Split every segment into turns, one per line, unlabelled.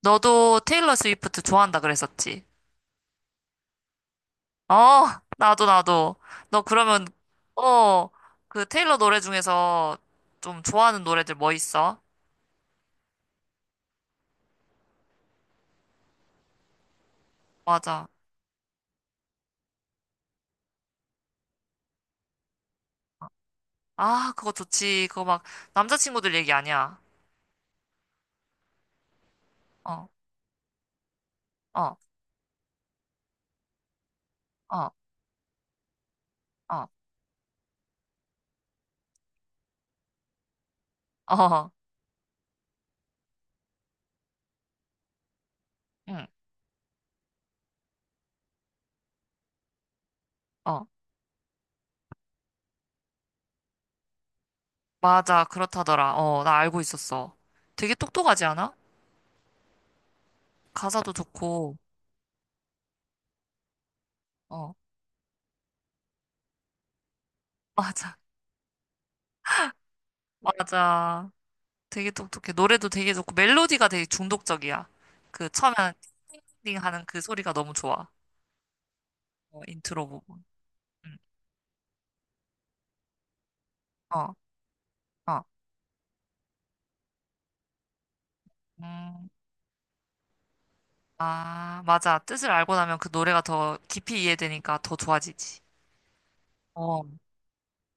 너도 테일러 스위프트 좋아한다 그랬었지? 어, 나도, 나도. 너 그러면, 어, 그 테일러 노래 중에서 좀 좋아하는 노래들 뭐 있어? 맞아. 아, 그거 좋지. 그거 막 남자친구들 얘기 아니야. 어, 어, 어, 어, 어, 어. 응, 어. 맞아. 그렇다더라. 어, 나 알고 있었어. 되게 똑똑하지 않아? 가사도 좋고, 어, 맞아. 맞아. 되게 똑똑해. 노래도 되게 좋고, 멜로디가 되게 중독적이야. 그 처음에 하는 그 소리가 너무 좋아. 어, 인트로 부분. 음, 어, 어. 음, 아, 맞아. 뜻을 알고 나면 그 노래가 더 깊이 이해되니까 더 좋아지지. 어,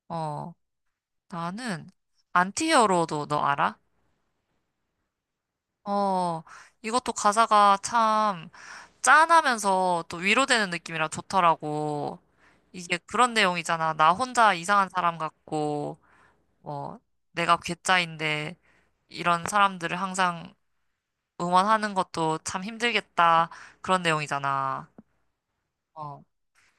어. 나는 안티히어로도 너 알아? 어, 이것도 가사가 참 짠하면서 또 위로되는 느낌이라 좋더라고. 이게 그런 내용이잖아. 나 혼자 이상한 사람 같고, 뭐, 내가 괴짜인데, 이런 사람들을 항상 응원하는 것도 참 힘들겠다. 그런 내용이잖아. 어.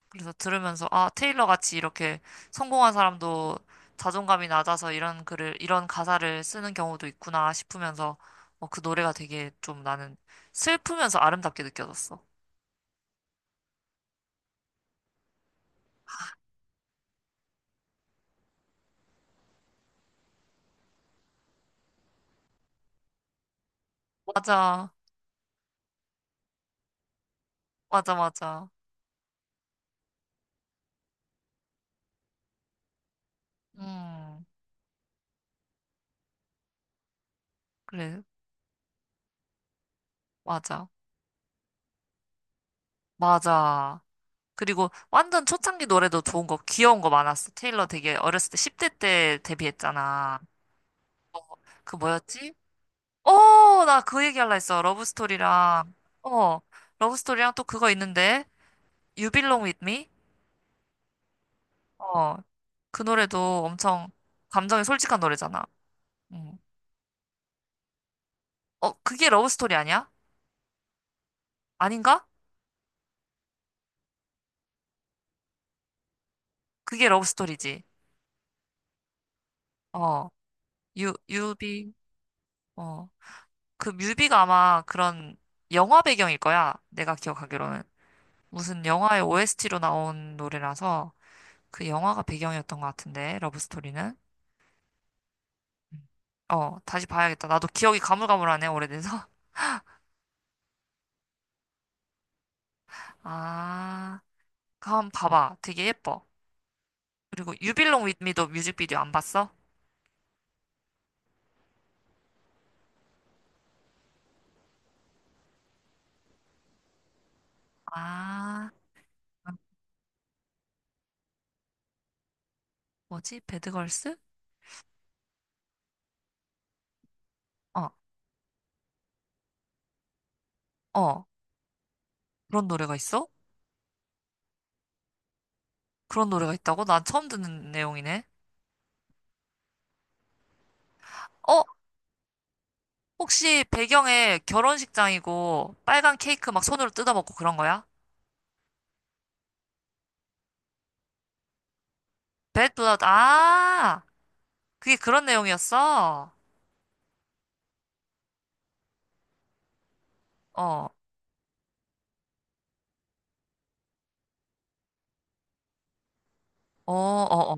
그래서 들으면서, 아, 테일러 같이 이렇게 성공한 사람도 자존감이 낮아서 이런 글을, 이런 가사를 쓰는 경우도 있구나 싶으면서, 어, 그 노래가 되게 좀 나는 슬프면서 아름답게 느껴졌어. 맞아. 맞아, 맞아. 음, 그래. 맞아. 맞아. 그리고 완전 초창기 노래도 좋은 거, 귀여운 거 많았어. 테일러 되게 어렸을 때, 10대 때 데뷔했잖아. 그 뭐였지? 어, 나 그 얘기할라 했어. 러브스토리랑, 어, 러브스토리랑 또 그거 있는데, You Belong With Me? 어, 그 노래도 엄청 감정이 솔직한 노래잖아. 음. 어, 그게 러브스토리 아니야? 아닌가? 그게 러브스토리지. 어, 유비, 어, 그 뮤비가 아마 그런 영화 배경일 거야. 내가 기억하기로는. 무슨 영화의 OST로 나온 노래라서 그 영화가 배경이었던 것 같은데, 러브스토리는. 어, 다시 봐야겠다. 나도 기억이 가물가물하네, 오래돼서. 아, 그럼 봐봐. 되게 예뻐. 그리고 유빌 u b 미 l o n With Me도 뮤직비디오 안 봤어? 아, 아, 뭐지? 배드걸스? 어, 어. 그런 노래가 있어? 그런 노래가 있다고? 난 처음 듣는 내용이네. 어, 혹시 배경에 결혼식장이고 빨간 케이크 막 손으로 뜯어먹고 그런 거야? 배드 d 러드 아, 그게 그런 내용이었어? 어, 어, 어, 어,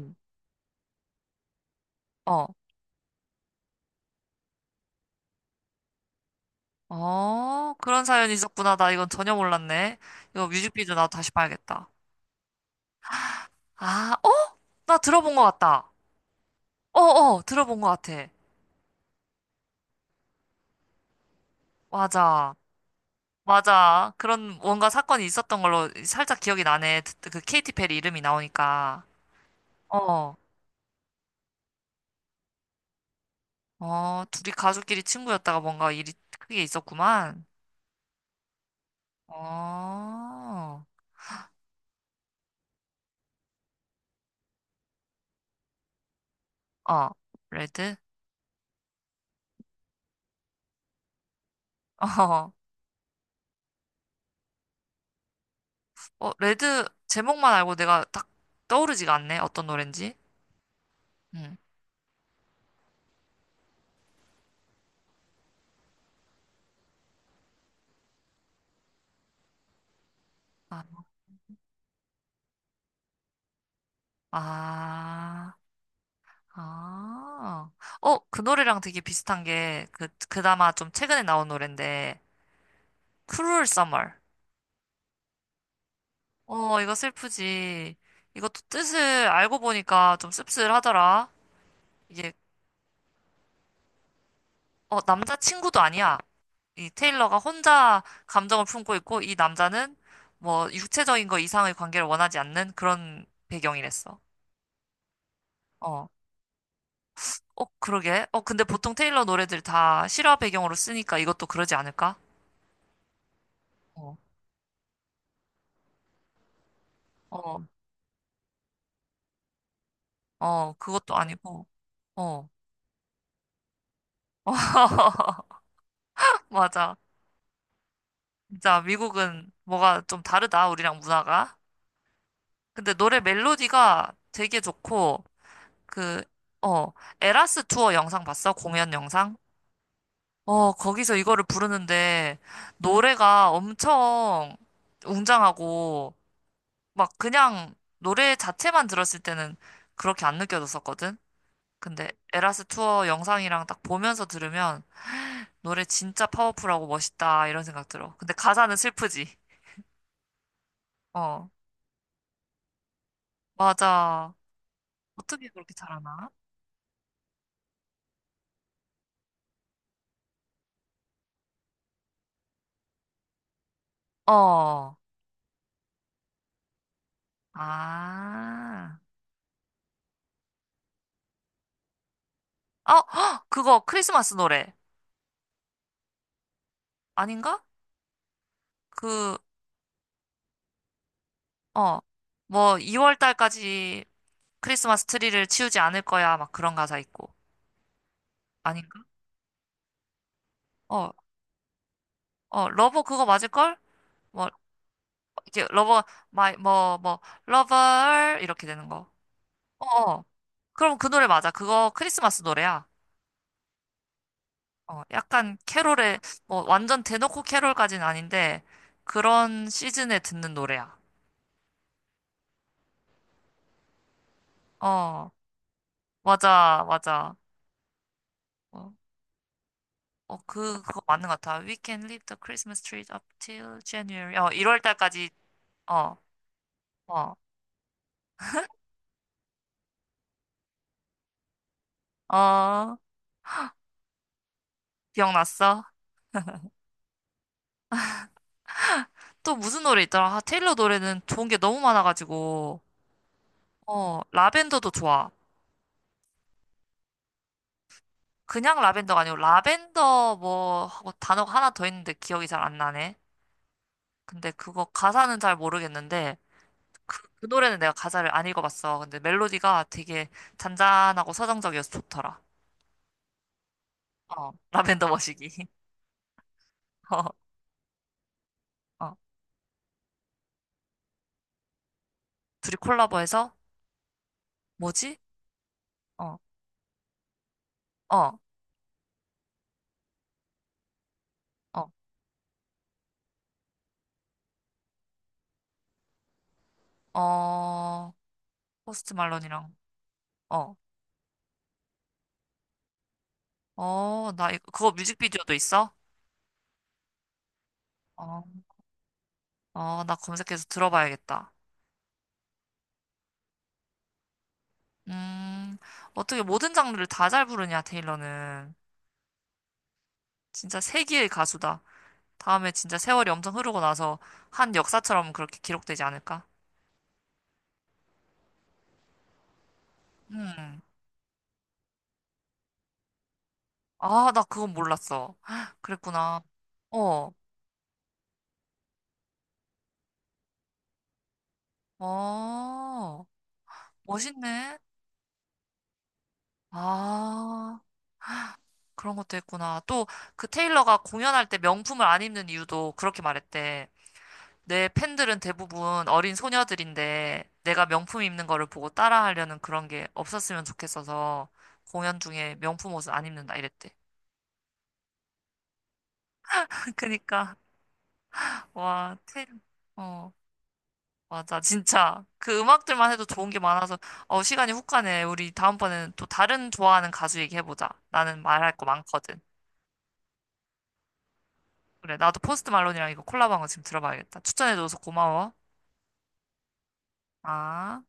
어. 어, 그런 사연이 있었구나. 나 이건 전혀 몰랐네. 이거 뮤직비디오 나도 다시 봐야겠다. 아, 어? 나 들어본 것 같다. 어, 어, 들어본 것 같아. 맞아. 맞아. 그런 뭔가 사건이 있었던 걸로 살짝 기억이 나네. 그 케이티 페리 이름이 나오니까. 어, 어, 둘이 가족끼리 친구였다가 뭔가 일이 크게 있었구만. 어, 어, 레드? 어, 어, 레드 제목만 알고 내가 딱 떠오르지가 않네. 어떤 노랜지? 음. 아, 아. 어, 그 노래랑 되게 비슷한 게, 그, 그나마 좀 최근에 나온 노랜데, Cruel Summer. 어, 이거 슬프지. 이것도 뜻을 알고 보니까 좀 씁쓸하더라. 이게, 어, 남자친구도 아니야. 이 테일러가 혼자 감정을 품고 있고, 이 남자는 뭐, 육체적인 거 이상의 관계를 원하지 않는 그런 배경이랬어. 어. 어, 그러게. 어, 근데 보통 테일러 노래들 다 실화 배경으로 쓰니까 이것도 그러지 않을까? 어, 어, 어, 그것도 아니고, 어. 맞아. 진짜 미국은 뭐가 좀 다르다, 우리랑 문화가. 근데 노래 멜로디가 되게 좋고, 그, 어, 에라스 투어 영상 봤어? 공연 영상? 어, 거기서 이거를 부르는데, 노래가 엄청 웅장하고, 막 그냥 노래 자체만 들었을 때는 그렇게 안 느껴졌었거든? 근데 에라스 투어 영상이랑 딱 보면서 들으면, 노래 진짜 파워풀하고 멋있다 이런 생각 들어. 근데 가사는 슬프지. 어, 맞아. 어떻게 그렇게 잘하나? 어, 아, 어, 헉! 그거 크리스마스 노래 아닌가? 그, 어, 뭐 2월 달까지 크리스마스 트리를 치우지 않을 거야 막 그런 가사 있고 아닌가? 어, 어, 러버 그거 맞을 걸? 뭐 이게 러버 마이 뭐 뭐 러버 이렇게 되는 거. 어, 어. 그럼 그 노래 맞아. 그거 크리스마스 노래야. 어, 약간 캐롤의, 뭐, 완전 대놓고 캐롤까지는 아닌데, 그런 시즌에 듣는 노래야. 어, 맞아, 맞아. 어, 어, 그거 맞는 것 같아. We can leave the Christmas tree up till January. 어, 1월 달까지, 어, 어, 어, 기억났어? 또 무슨 노래 있더라? 아, 테일러 노래는 좋은 게 너무 많아가지고, 어, 라벤더도 좋아. 그냥 라벤더가 아니고, 라벤더 뭐, 하고 단어가 하나 더 있는데 기억이 잘 안 나네. 근데 그거 가사는 잘 모르겠는데, 그 노래는 내가 가사를 안 읽어봤어. 근데 멜로디가 되게 잔잔하고 서정적이어서 좋더라. 어, 라벤더 머시기. 어, 어. 둘이 콜라보해서, 뭐지? 어, 어, 어, 어, 포스트 말론이랑, 어, 어, 나, 이거, 그거 뮤직비디오도 있어? 어, 어, 나 검색해서 들어봐야겠다. 음, 어떻게 모든 장르를 다 잘 부르냐, 테일러는. 진짜 세기의 가수다. 다음에 진짜 세월이 엄청 흐르고 나서 한 역사처럼 그렇게 기록되지 않을까? 음. 아, 나 그건 몰랐어. 그랬구나. 어, 어, 멋있네. 아, 그런 것도 했구나. 또, 그 테일러가 공연할 때 명품을 안 입는 이유도 그렇게 말했대. 내 팬들은 대부분 어린 소녀들인데, 내가 명품 입는 거를 보고 따라하려는 그런 게 없었으면 좋겠어서, 공연 중에 명품 옷을 안 입는다 이랬대. 그니까, 와, 테일러. 맞아, 진짜. 그 음악들만 해도 좋은 게 많아서, 어, 시간이 훅 가네. 우리 다음번에는 또 다른 좋아하는 가수 얘기해보자. 나는 말할 거 많거든. 그래, 나도 포스트 말론이랑 이거 콜라보한 거 지금 들어봐야겠다. 추천해줘서 고마워. 아.